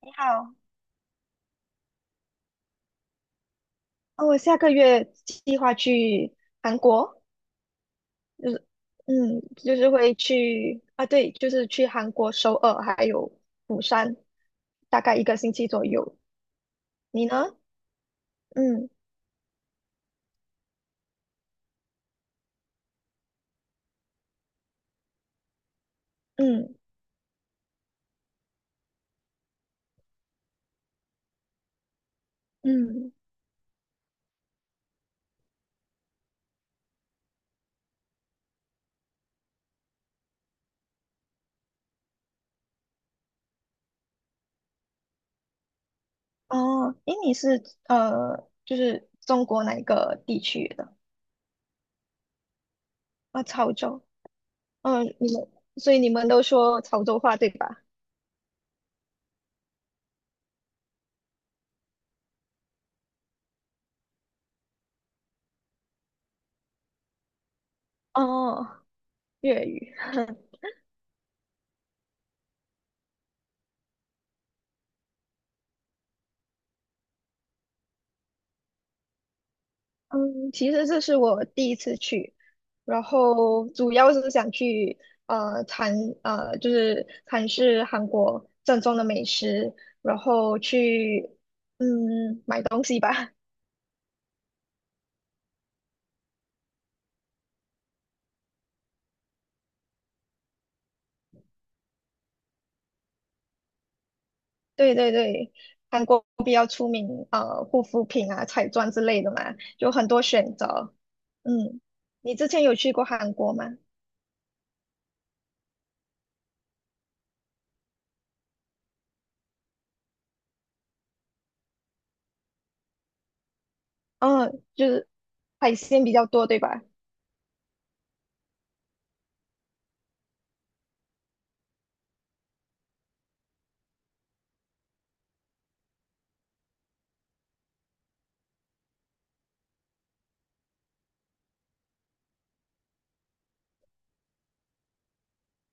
你好，哦，我下个月计划去韩国，就是，就是会去啊，对，就是去韩国首尔还有釜山，大概一个星期左右。你呢？嗯嗯嗯，哦，诶，你是就是中国哪一个地区的？啊，潮州。嗯，所以你们都说潮州话对吧？哦，粤语。嗯，其实这是我第一次去，然后主要是想去呃尝呃就是尝试韩国正宗的美食，然后去买东西吧。对对对，韩国比较出名护肤品啊、彩妆之类的嘛，有很多选择。嗯，你之前有去过韩国吗？嗯，就是海鲜比较多，对吧？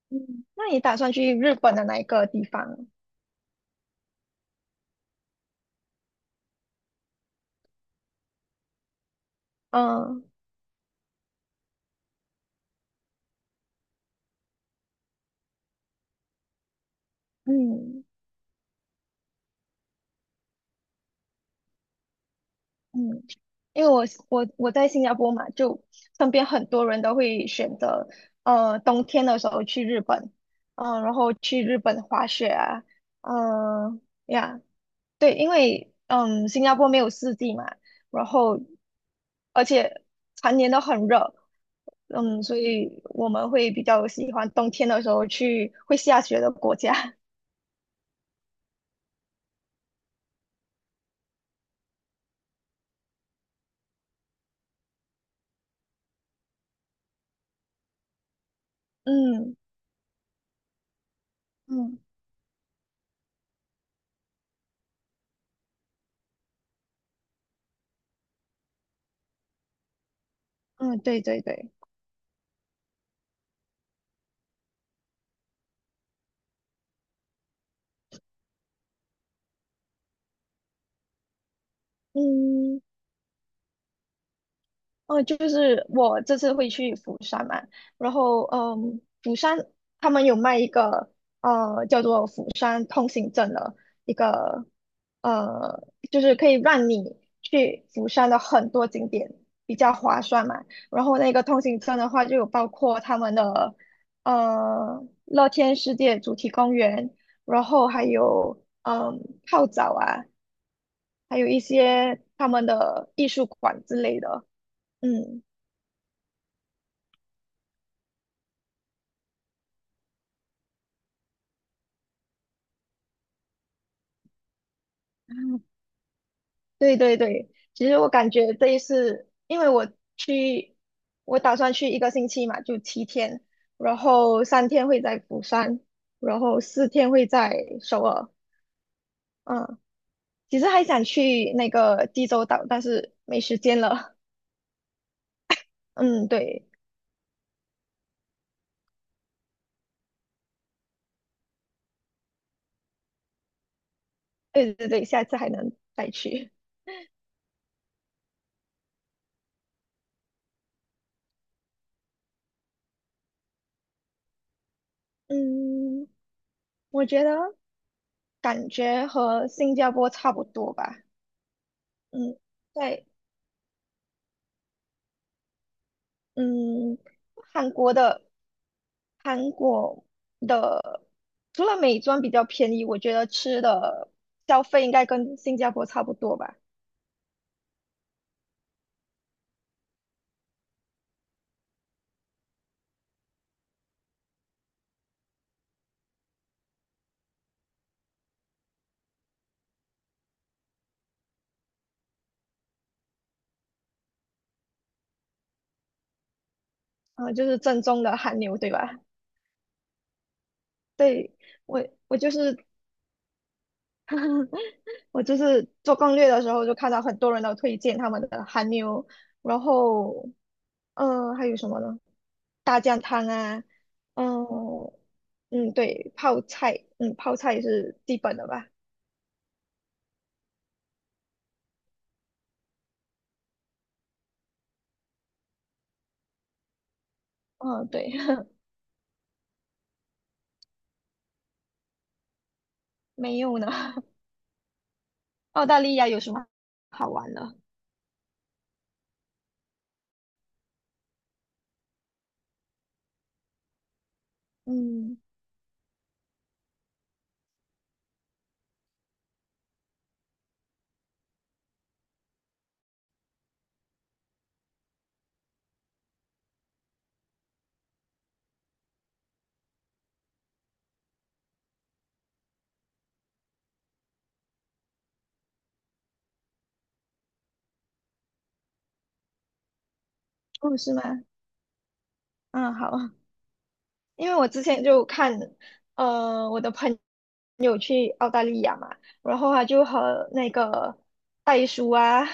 嗯，那你打算去日本的哪一个地方？嗯。嗯嗯，因为我在新加坡嘛，就身边很多人都会选择，冬天的时候去日本，然后去日本滑雪啊，嗯、呀，对，因为新加坡没有四季嘛，然后而且常年都很热，嗯，所以我们会比较喜欢冬天的时候去会下雪的国家，嗯嗯嗯，对对对，嗯。嗯，就是我这次会去釜山嘛，然后釜山他们有卖一个叫做釜山通行证的一个呃，就是可以让你去釜山的很多景点比较划算嘛。然后那个通行证的话，就有包括他们的乐天世界主题公园，然后还有泡澡啊，还有一些他们的艺术馆之类的，嗯。对对对，其实我感觉这一次，因为我去，我打算去一个星期嘛，就7天，然后3天会在釜山，然后4天会在首尔。嗯，其实还想去那个济州岛，但是没时间了。嗯，对，对对对，下次还能再去。嗯，我觉得感觉和新加坡差不多吧。嗯，对。嗯，韩国的韩国的除了美妆比较便宜，我觉得吃的消费应该跟新加坡差不多吧。嗯、就是正宗的韩牛，对吧？对，我我就是 我就是做攻略的时候就看到很多人都推荐他们的韩牛，然后还有什么呢？大酱汤啊，嗯、嗯，对，泡菜，泡菜是基本的吧。嗯，对，没有呢。澳大利亚有什么好玩的？嗯，哦，是吗？嗯，好，因为我之前就看，我的朋友去澳大利亚嘛，然后他就和那个袋鼠啊、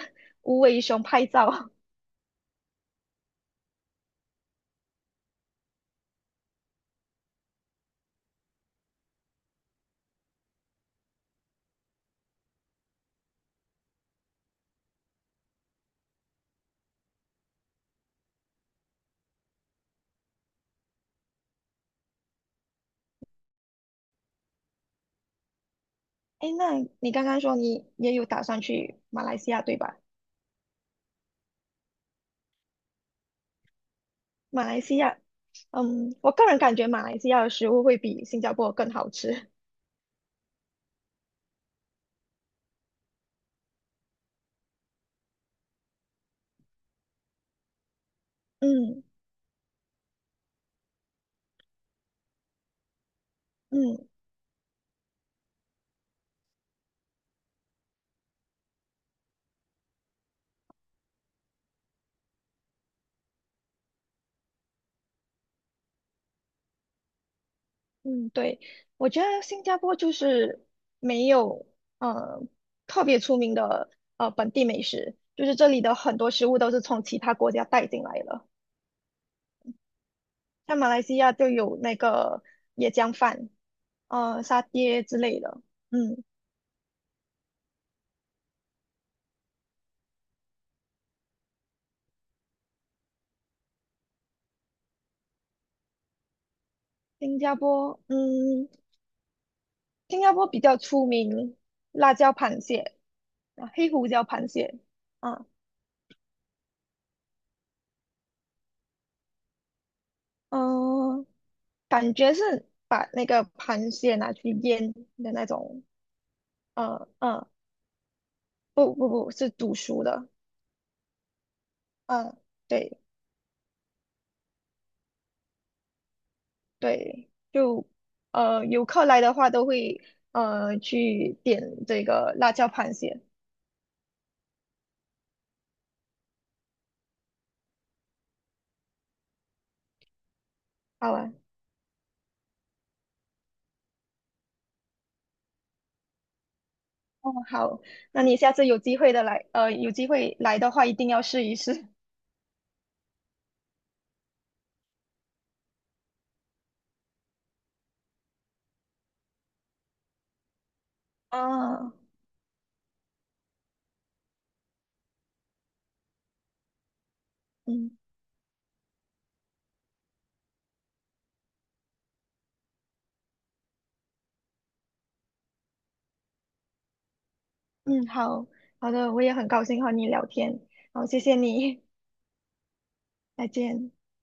无尾熊拍照。哎，那你刚刚说你也有打算去马来西亚，对吧？马来西亚，我个人感觉马来西亚的食物会比新加坡更好吃。嗯嗯，嗯，对，我觉得新加坡就是没有呃特别出名的本地美食，就是这里的很多食物都是从其他国家带进来的，像马来西亚就有那个椰浆饭，沙爹之类的。嗯，新加坡，嗯，新加坡比较出名辣椒螃蟹啊，黑胡椒螃蟹啊，嗯、感觉是把那个螃蟹拿去腌的那种，嗯。不不不是读书的，嗯，对对，就游客来的话都会去点这个辣椒螃蟹，好吧？哦，好，那你下次有机会来的话一定要试一试。啊，嗯嗯，好好的，我也很高兴和你聊天，好，谢谢你，再见。